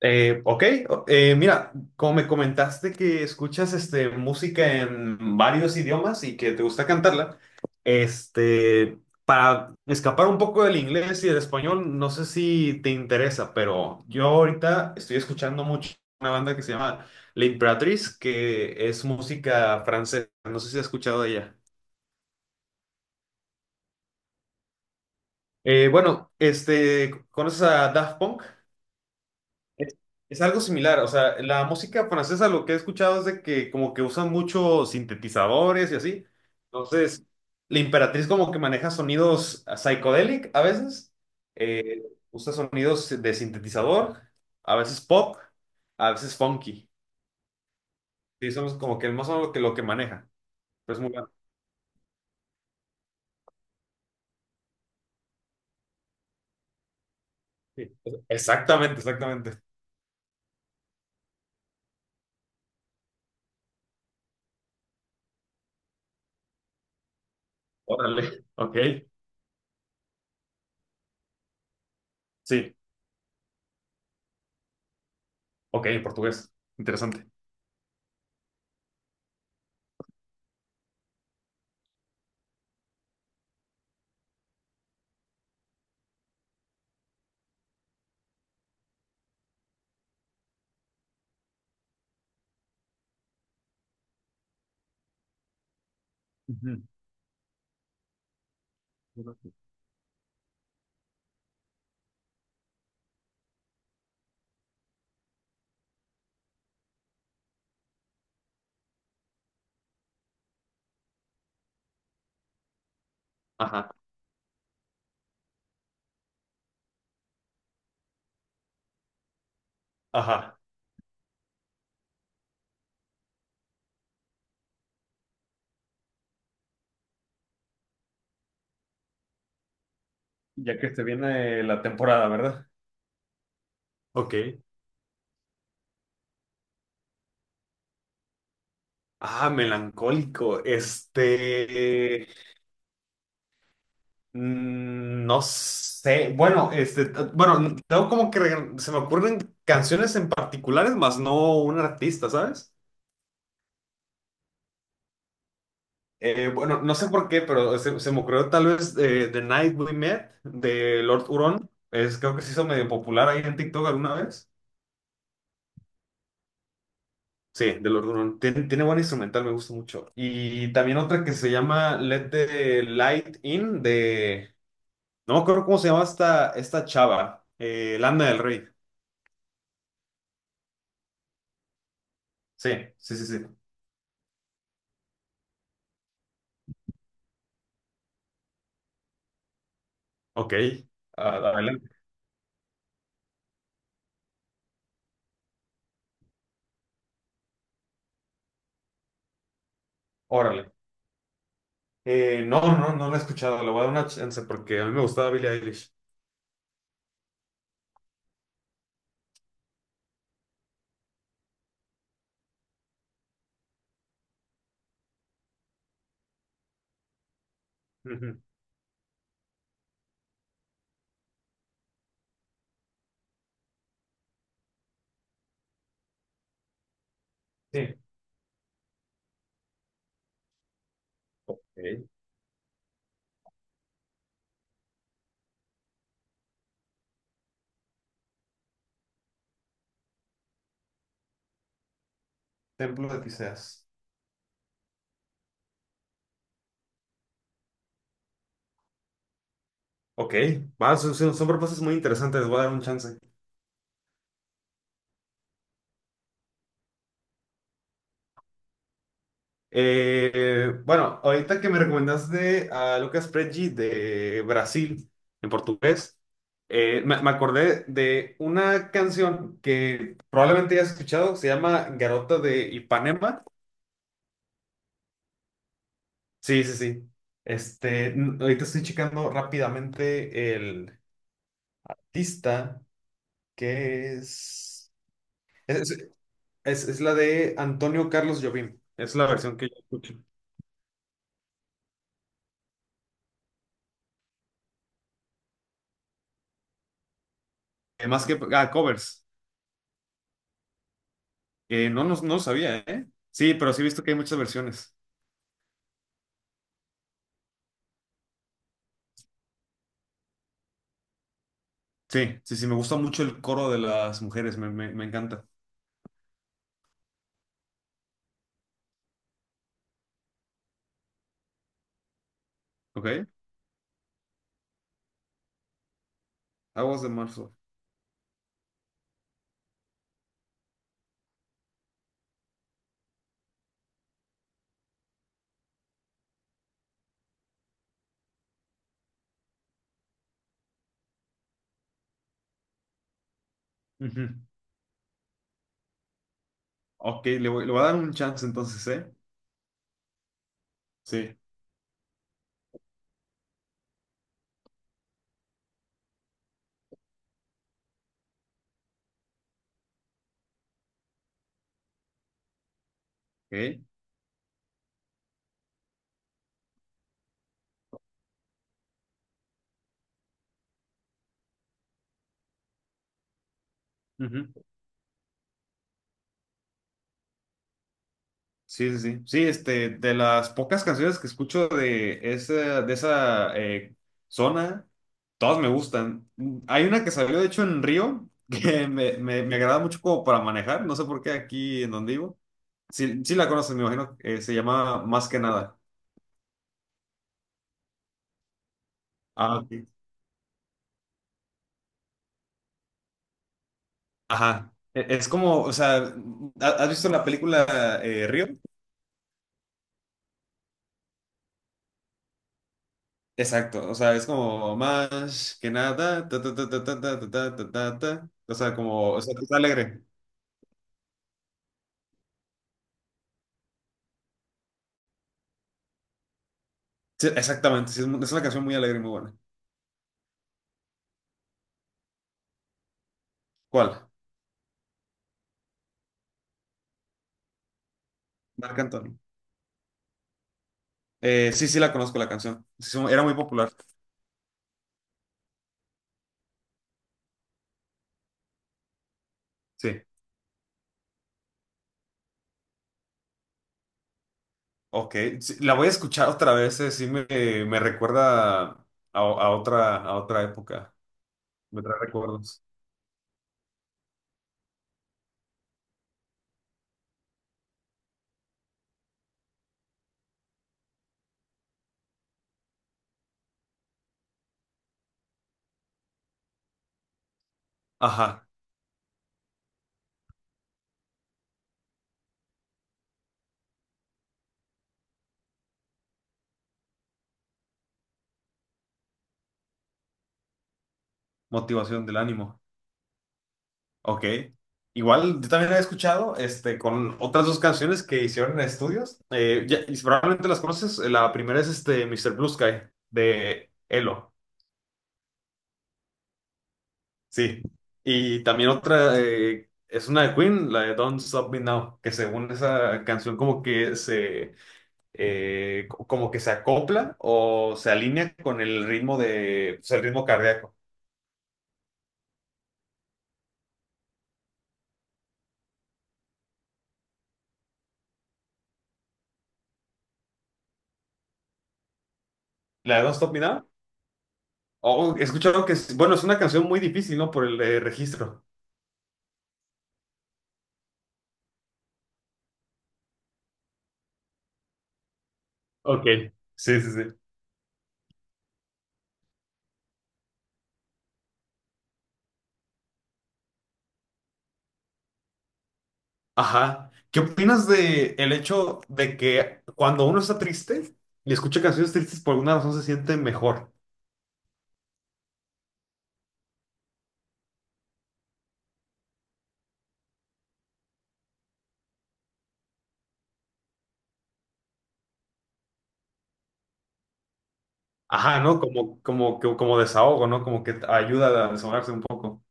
Eh, ok, mira, como me comentaste que escuchas música en varios idiomas y que te gusta cantarla, para escapar un poco del inglés y del español, no sé si te interesa, pero yo ahorita estoy escuchando mucho una banda que se llama La Imperatriz, que es música francesa, no sé si has escuchado de ella. ¿Conoces a Daft Punk? Es, es algo similar, o sea, la música francesa lo que he escuchado es de que como que usan muchos sintetizadores y así. Entonces, la Imperatriz como que maneja sonidos psychedelic a veces, eh, usa sonidos de sintetizador, a veces pop, a veces funky. Sí, somos como que más o menos lo que maneja. Pero es muy bueno. Sí. Exactamente, exactamente. Órale, ok. Sí, ok, en portugués. Interesante. Ujú. Ajá, ajá. Ya que este viene la temporada, ¿verdad? Ok. Ah, melancólico. No sé. Bueno, tengo como que se me ocurren canciones en particulares, más no un artista, ¿sabes? Bueno, no sé por qué, pero se me ocurrió tal vez The Night We Met de Lord Huron. Es, creo que se hizo medio popular ahí en TikTok alguna vez. Sí, de los Run. Tiene, buen instrumental, me gusta mucho. Y también otra que se llama Let the Light In de... No me acuerdo cómo se llama esta chava. Lana del Rey. Sí, sí, sí, sí. Ok. Ah, adelante. Órale. No la he escuchado. Le voy a dar una chance porque a mí me gustaba Billie Eilish. Ujú. Sí. Ok. Templo de Tiseas. Ok. Va, son propuestas muy interesantes. Les voy a dar un chance. Bueno, ahorita que me recomendaste a Lucas Preggi de Brasil, en portugués, me acordé de una canción que probablemente ya has escuchado, se llama Garota de Ipanema. Sí, sí, sí. Ahorita estoy checando rápidamente el artista, que es... Es, es la de Antonio Carlos Jobim, es la versión que yo escucho. Más que... Ah, covers. No lo sabía, ¿eh? Sí, pero sí he visto que hay muchas versiones. Sí, sí, sí, me gusta mucho el coro de las mujeres, me encanta. ¿Ok? Aguas de marzo. Ujú. Ok, le voy a dar un chance entonces, ¿eh? Sí, ok. Ujú. Sí, sí, sí. Sí, de las pocas canciones que escucho de esa, de esa zona, todas me gustan. Hay una que salió, de hecho, en Río, que me agrada mucho como para manejar, no sé por qué aquí en donde vivo. Sí, sí la conoces, me imagino. Se llama Más que nada. Ah, ok. Ajá. Es como, o sea, ¿has visto la película Río? Exacto, o sea, es como más que nada, ta, ta, ta, ta, ta, ta, ta, ta, ta, ta, ta. O sea, como, o sea, está alegre. Sí, exactamente, sí, es una canción muy alegre y muy buena. ¿Cuál? Marc Anthony. Sí, sí la conozco la canción. Sí, sí, era muy popular. Sí. Ok, sí, la voy a escuchar otra vez, sí me recuerda a, a otra época, me trae recuerdos. Ajá, motivación del ánimo. Ok. Igual yo también he escuchado con otras dos canciones que hicieron en estudios. Y probablemente las conoces. La primera es Mister Blue Sky de Elo. Sí. Y también otra es una de Queen, la de Don't Stop Me Now, que según esa canción como que se como que se acopla o se alinea con el ritmo de, pues, el ritmo cardíaco. La de Don't Stop Me Now. Oh, he escuchado que es, bueno, es una canción muy difícil, ¿no? Por el registro. Ok, sí, sí, sí. Ajá. ¿Qué opinas de el hecho de que cuando uno está triste y escucha canciones tristes por alguna razón se siente mejor? Ajá, ¿no? Como, como, como desahogo, ¿no? Como que ayuda a desahogarse un poco.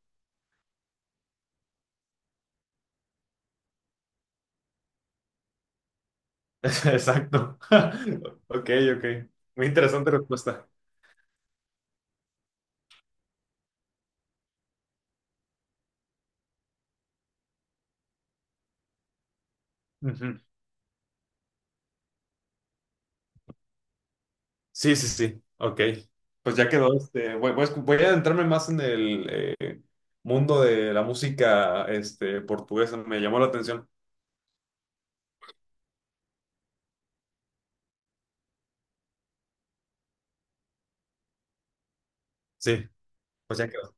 Exacto. Ok, ok. Muy interesante respuesta. Ujú. Sí, sí, sí. Ok. Pues ya quedó. Voy a voy a adentrarme más en el eh, mundo de la música portuguesa. Me llamó la atención. Sí, pues ya quedó.